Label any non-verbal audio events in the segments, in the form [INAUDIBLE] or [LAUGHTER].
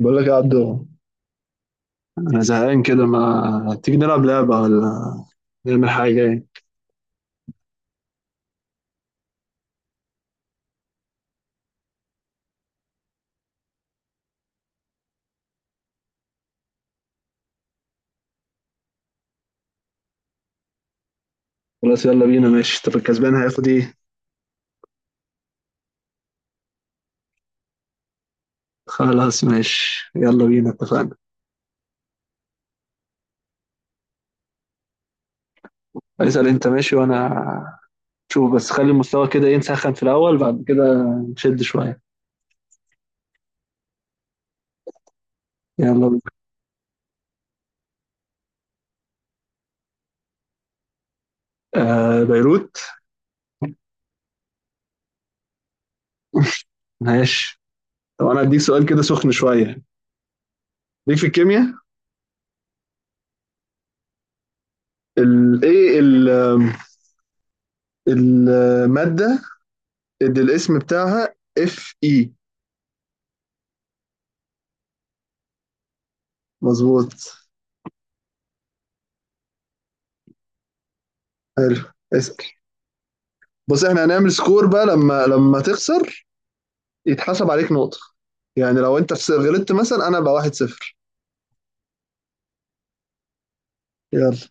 بقول لك يا عبدو، انا زهقان كده، ما تيجي نلعب لعبه ولا نعمل حاجه يعني؟ خلاص، يلا بينا، ماشي. طب الكسبان هياخد ايه؟ خلاص ماشي، يلا بينا، اتفقنا. اسال انت ماشي وانا شوف. بس خلي المستوى كده ايه، نسخن في الاول، بعد كده نشد شويه. يلا بينا. آه، بيروت. ماشي. طب انا هديك سؤال كده سخن شويه. ليك في الكيمياء الايه الماده اللي الاسم بتاعها اف اي؟ مظبوط. حلو، اسال. بص احنا هنعمل سكور بقى، لما تخسر يتحسب عليك نقطة. يعني لو انت غلطت مثلا، انا بقى 1-0. يلا.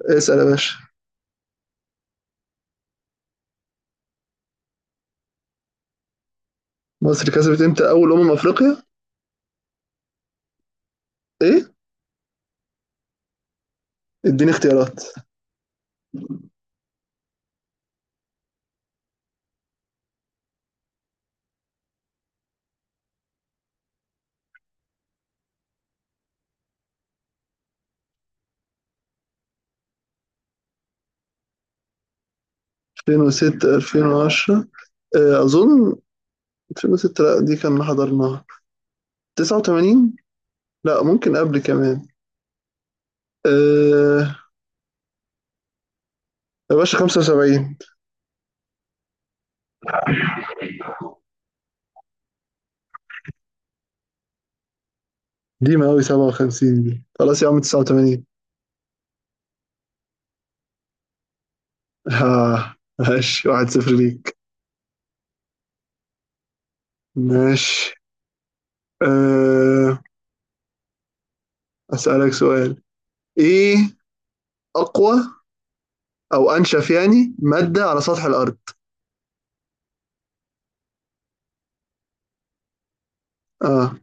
اسأل يا باشا. مصر كسبت امتى اول افريقيا؟ ايه؟ اديني اختيارات. 2006، 2010؟ اه، اظن. 2006؟ لا، دي كان حضرناها. 89؟ لا ممكن قبل كمان. أه يا باشا، 75؟ دي ما قوي. 57 دي خلاص يا عم. 89؟ ها، ماشي، 1-0 ليك. ماشي. أه. أسألك سؤال. ايه اقوى او انشف يعني ماده على سطح الارض؟ اه.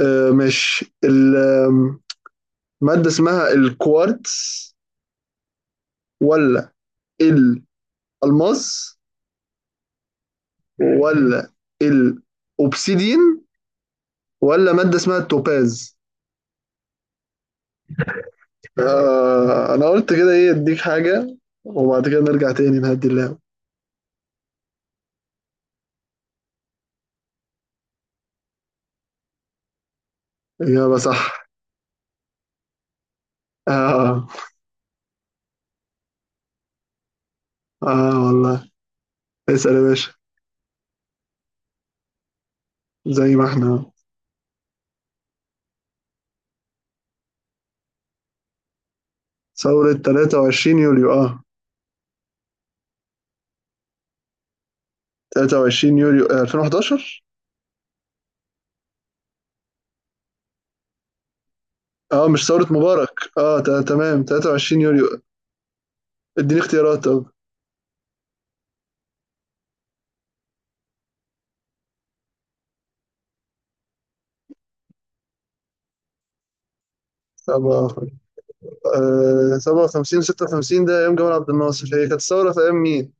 مش الماده اسمها الكوارتز، ولا الالماس، ولا الاوبسيدين، ولا ماده اسمها التوباز؟ انا قلت كده ايه اديك حاجه، وبعد كده نرجع تاني نهدي اللعبه. اجابه صح. اه. اه والله. اسال يا باشا. زي ما احنا. ثورة 23 يوليو، اه. 23 يوليو، 2011. اه، مش ثورة مبارك. اه تمام. 23 يوليو. اديني اختيارات طب. سبعة. 57 و56 ده ايام جمال عبد الناصر. هي كانت الثورة في ايام مين؟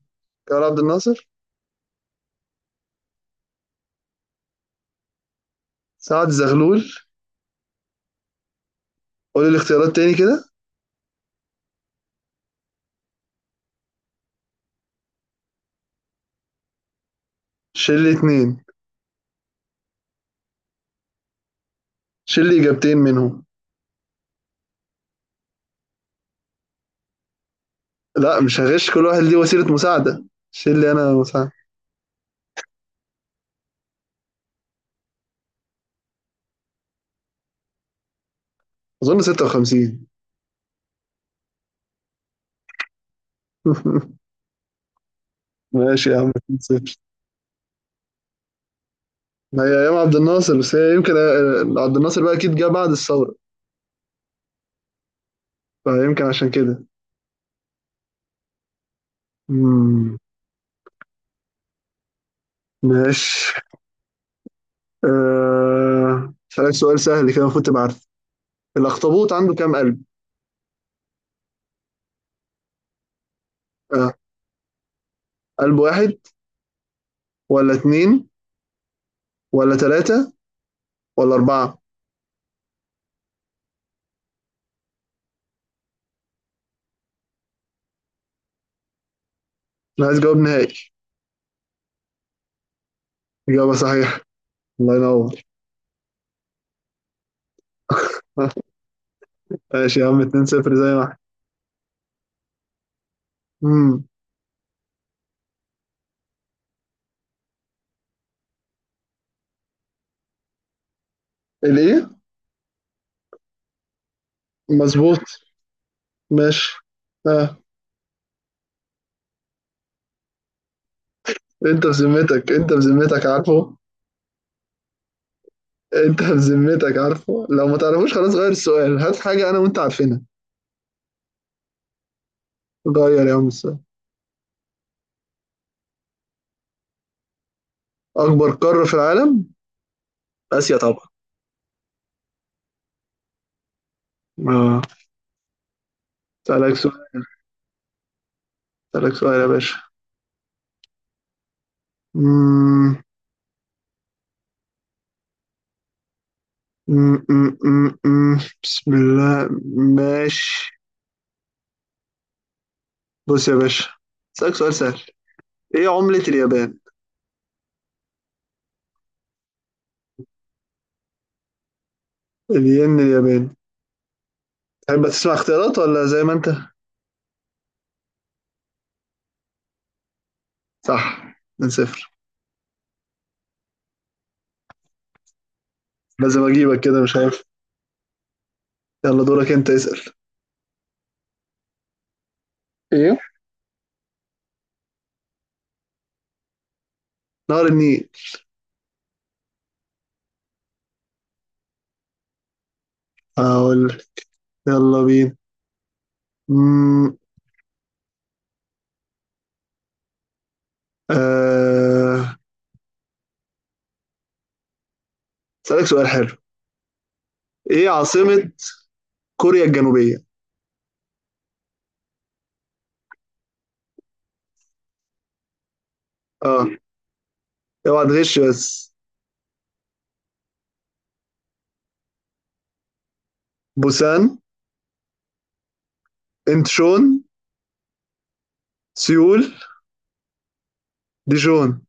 جمال عبد الناصر. سعد زغلول. قول الاختيارات تاني كده. شيل لي اتنين. شيل لي اجابتين منهم. لا، مش هغش. كل واحد ليه وسيلة مساعدة. شيل لي انا مساعدة. اظن 56. [LAUGHS] ماشي يا عم، 2-0. ما هي ايام عبد الناصر بس، هي يمكن عبد الناصر بقى اكيد جه بعد الثورة، فيمكن عشان كده. مم. ماشي. أسألك سؤال سهل، كده المفروض تبقى عارف. الأخطبوط عنده كام قلب؟ أه. قلب واحد، ولا اتنين، ولا تلاتة، ولا أربعة؟ أنا عايز جواب نهائي. إجابة صحيحة. الله ينور. [LAUGHS] ماشي يا عم، 2 0، زي ما احنا. امم. الإيه؟ مظبوط. ماشي. أه. أنت بذمتك أنت بذمتك عارفه؟ أنت بذمتك عارفه؟ لو ما تعرفوش خلاص غير السؤال، هات حاجة أنا وأنت عارفينها. غير يا عم السؤال. أكبر قارة في العالم؟ آسيا طبعا. أه. أسألك سؤال. أسألك سؤال يا باشا. مم، مم، مم، مم، مم. بسم الله. ماشي. بص يا باشا، أسألك سؤال سهل. إيه عملة اليابان؟ الين الياباني. تحب تسمع اختيارات ولا زي ما أنت؟ صح، من صفر. لازم أجيبك كده مش عارف. يلا دورك أنت اسأل. ايه؟ نهر النيل. أقول لك. يلا بينا. مم، آه، أسألك سؤال حلو. إيه عاصمة كوريا الجنوبية؟ أه اوعى تغش بس. بوسان، انتشون، سيول، ديجون.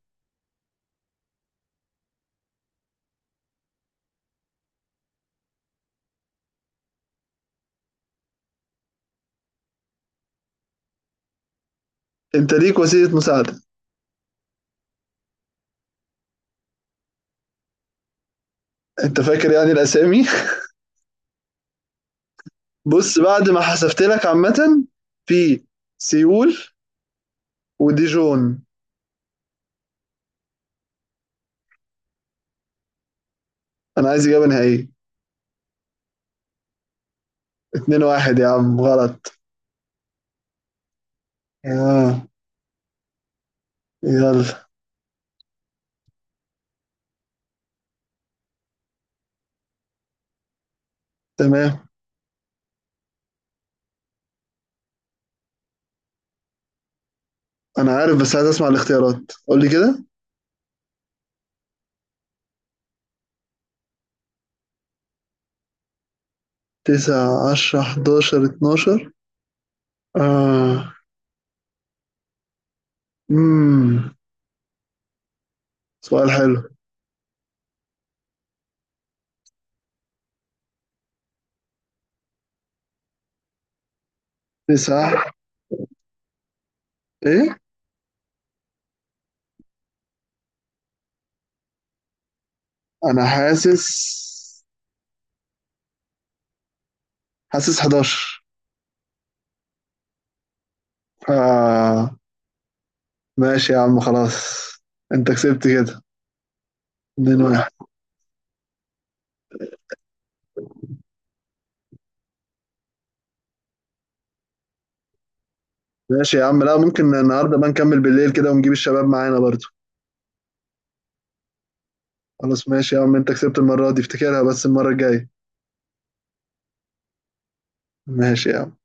انت ليك وسيله مساعده. انت فاكر يعني الاسامي. بص بعد ما حسبت لك، عامه في سيول وديجون. انا عايز اجابه نهائيه. 2 1 يا عم، غلط. اه. يلا. تمام. انا عارف، بس عايز اسمع الاختيارات، قول لي كده. 9 10 11 12. اه امم سؤال حلو. 9؟ ايه؟ انا حاسس، حاسس 11. آه، ماشي يا عم، خلاص. انت كسبت كده. 2 1. ماشي يا عم، لا ممكن النهارده بقى نكمل بالليل كده، ونجيب الشباب معانا برضو. خلاص ماشي يا عم، انت كسبت المرة دي، افتكرها بس المرة الجاية. ماشي يا عم.